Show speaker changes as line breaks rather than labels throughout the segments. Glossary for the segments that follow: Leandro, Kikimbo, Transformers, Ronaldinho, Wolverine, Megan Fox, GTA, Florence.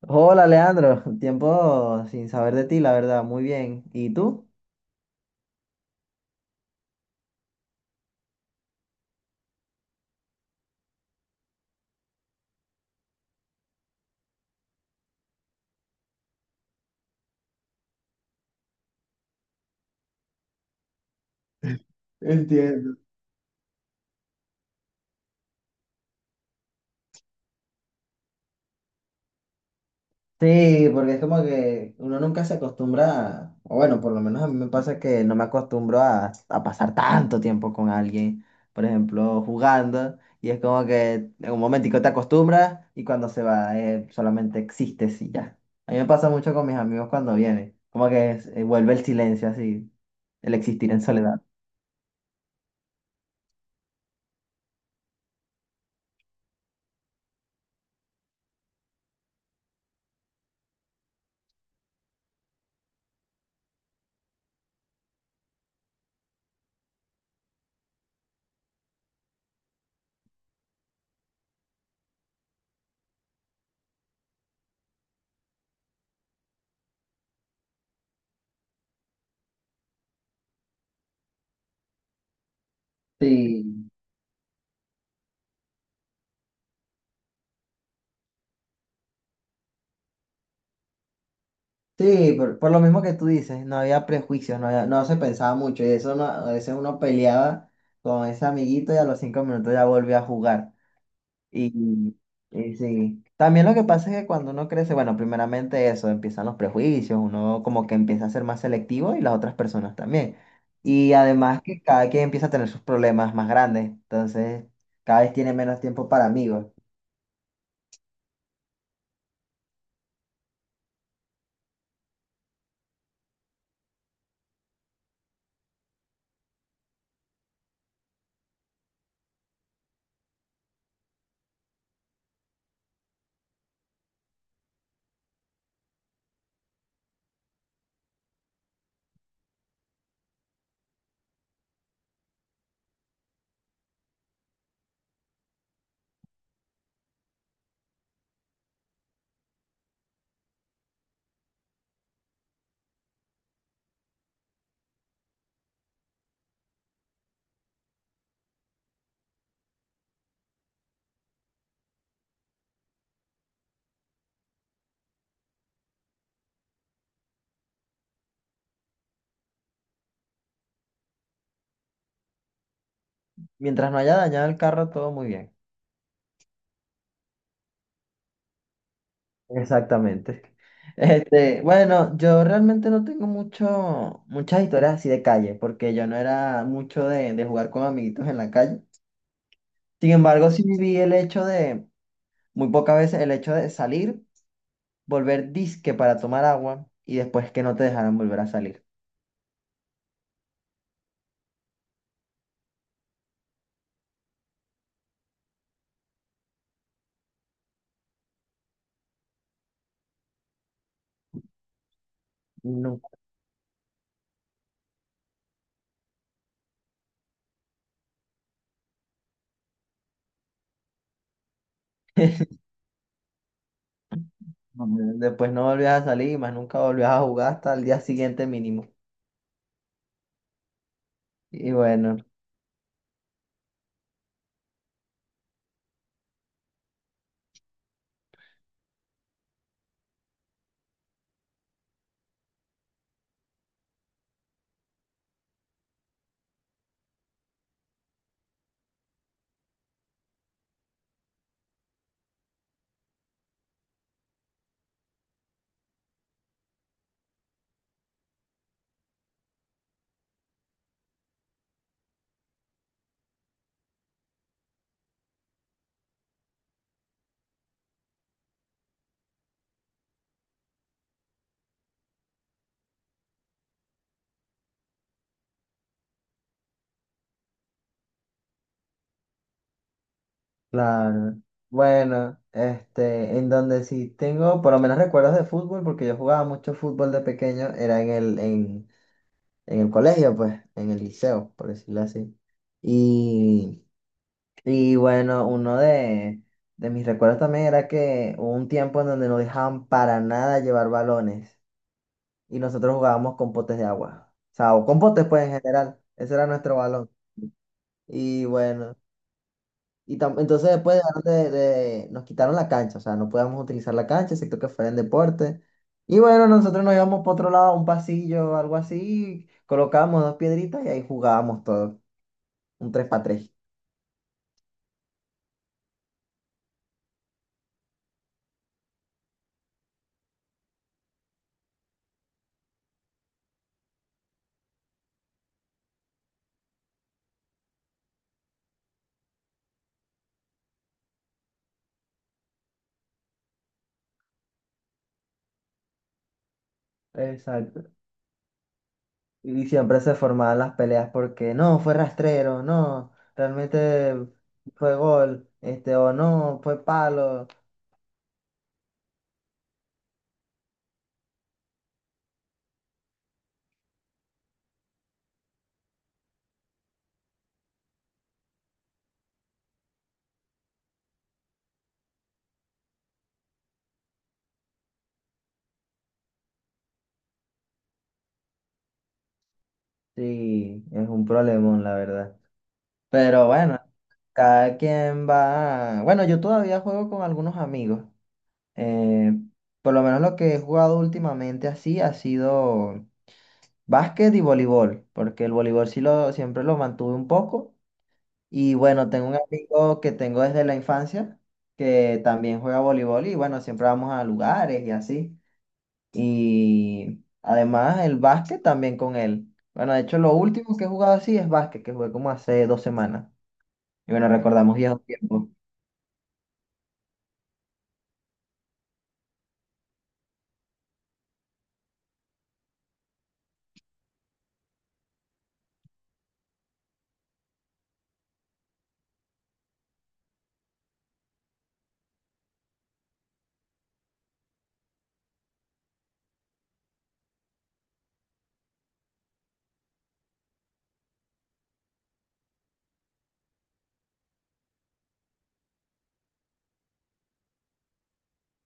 Hola, Leandro. Tiempo sin saber de ti, la verdad. Muy bien. ¿Y tú? Entiendo. Sí, porque es como que uno nunca se acostumbra, o bueno, por lo menos a mí me pasa que no me acostumbro a pasar tanto tiempo con alguien, por ejemplo, jugando, y es como que en un momentico te acostumbras y cuando se va, solamente existes y ya. A mí me pasa mucho con mis amigos cuando vienen, como que vuelve el silencio así, el existir en soledad. Sí. Sí, por lo mismo que tú dices, no había prejuicios, no se pensaba mucho y eso a veces uno peleaba con ese amiguito y a los 5 minutos ya volvía a jugar. Y, y sí, también lo que pasa es que cuando uno crece, bueno, primeramente eso, empiezan los prejuicios, uno como que empieza a ser más selectivo y las otras personas también. Y además que cada quien empieza a tener sus problemas más grandes, entonces cada vez tiene menos tiempo para amigos. Mientras no haya dañado el carro, todo muy bien. Exactamente. Bueno, yo realmente no tengo mucho, muchas historias así de calle, porque yo no era mucho de jugar con amiguitos en la calle. Sin embargo, sí viví el hecho de, muy pocas veces, el hecho de salir, volver disque para tomar agua y después que no te dejaran volver a salir. Nunca. Después no volvías a salir y más nunca volvías a jugar hasta el día siguiente mínimo. Y bueno. Claro. Bueno, en donde sí tengo por lo menos recuerdos de fútbol, porque yo jugaba mucho fútbol de pequeño, era en el colegio, pues, en el liceo, por decirlo así. Y, y bueno, uno de mis recuerdos también era que hubo un tiempo en donde no dejaban para nada llevar balones y nosotros jugábamos con potes de agua. O sea, o con potes, pues, en general. Ese era nuestro balón. Y bueno. Y entonces después dejaron nos quitaron la cancha, o sea, no podíamos utilizar la cancha, excepto que fuera en deporte. Y bueno, nosotros nos íbamos por otro lado, a un pasillo o algo así, colocábamos dos piedritas y ahí jugábamos todo, un tres para tres. Exacto. Y siempre se formaban las peleas porque no, fue rastrero, no, realmente fue gol, o no, fue palo. Sí, es un problemón, la verdad. Pero bueno, cada quien va. Bueno, yo todavía juego con algunos amigos. Eh, por lo menos lo que he jugado últimamente así ha sido básquet y voleibol, porque el voleibol sí siempre lo mantuve un poco. Y bueno, tengo un amigo que tengo desde la infancia que también juega voleibol y bueno, siempre vamos a lugares y así. Y además el básquet también con él. Bueno, de hecho lo último que he jugado así es básquet, que jugué como hace 2 semanas. Y bueno, recordamos viejos tiempos.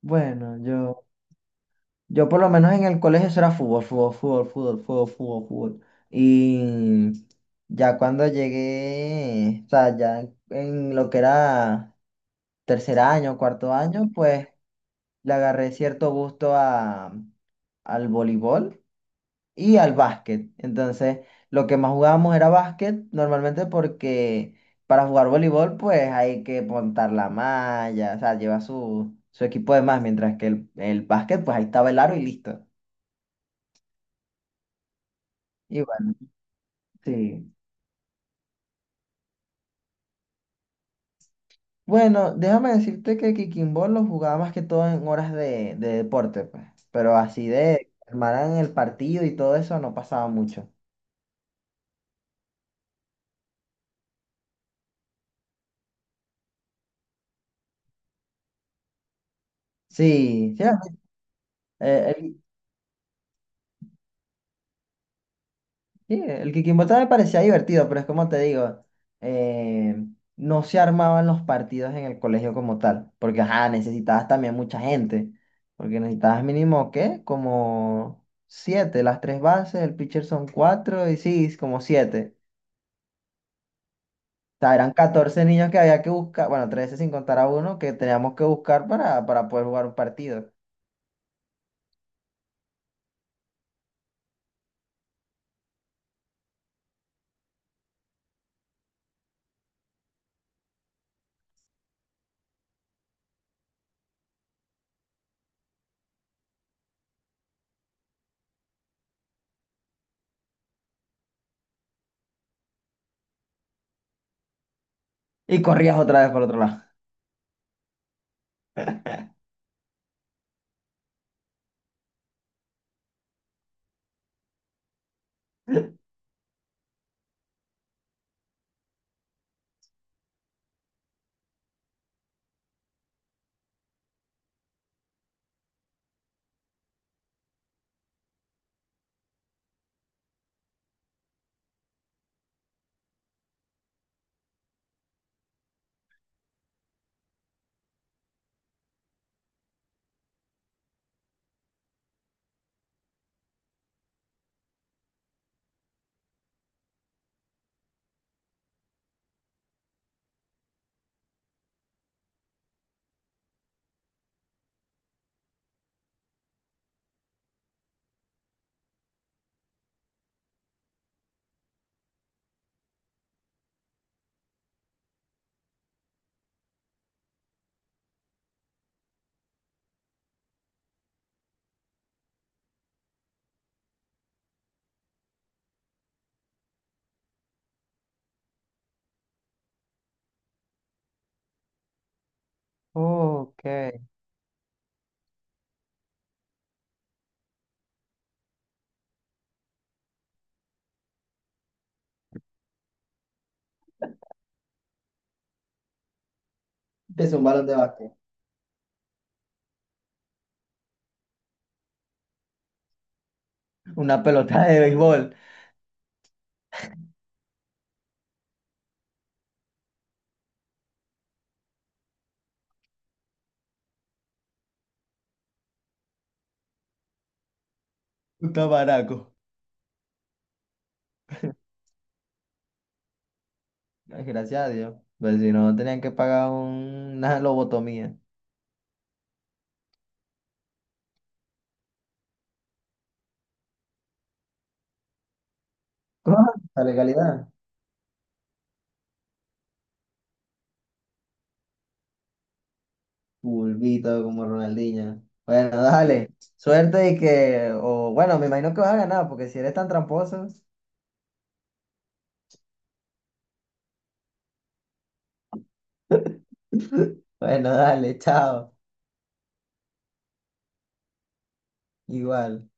Bueno, Yo por lo menos en el colegio eso era fútbol, fútbol, fútbol, fútbol, fútbol, fútbol, fútbol. Y ya cuando llegué, o sea, ya en lo que era tercer año, cuarto año, pues le agarré cierto gusto al voleibol y al básquet. Entonces, lo que más jugábamos era básquet, normalmente porque para jugar voleibol, pues hay que montar la malla, o sea, lleva su, su equipo de más, mientras que el básquet, pues ahí estaba el aro y listo. Igual. Sí. Bueno, déjame decirte que Kikimbo lo jugaba más que todo en horas de deporte, pues. Pero así de armaran el partido y todo eso no pasaba mucho. Sí, sí, eh, el, sí, el Kikimbo también me parecía divertido, pero es como te digo, eh, no se armaban los partidos en el colegio como tal, porque ajá, necesitabas también mucha gente, porque necesitabas mínimo, ¿qué? Como siete, las tres bases, el pitcher son cuatro y sí, como siete. Sea, eran 14 niños que había que buscar, bueno, 13 sin contar a uno, que teníamos que buscar para poder jugar un partido. Y corrías otra vez por otro lado. Ok. Es un balón de básquet. Una pelota de béisbol. Un tamaraco. Ay, gracias a Dios. Pues si no, tenían que pagar una lobotomía. Ah, la legalidad. Pulvito como Ronaldinho. Bueno, dale. Suerte y que, o bueno, me imagino que vas a ganar, porque si eres tan tramposo. Bueno, dale, chao. Igual.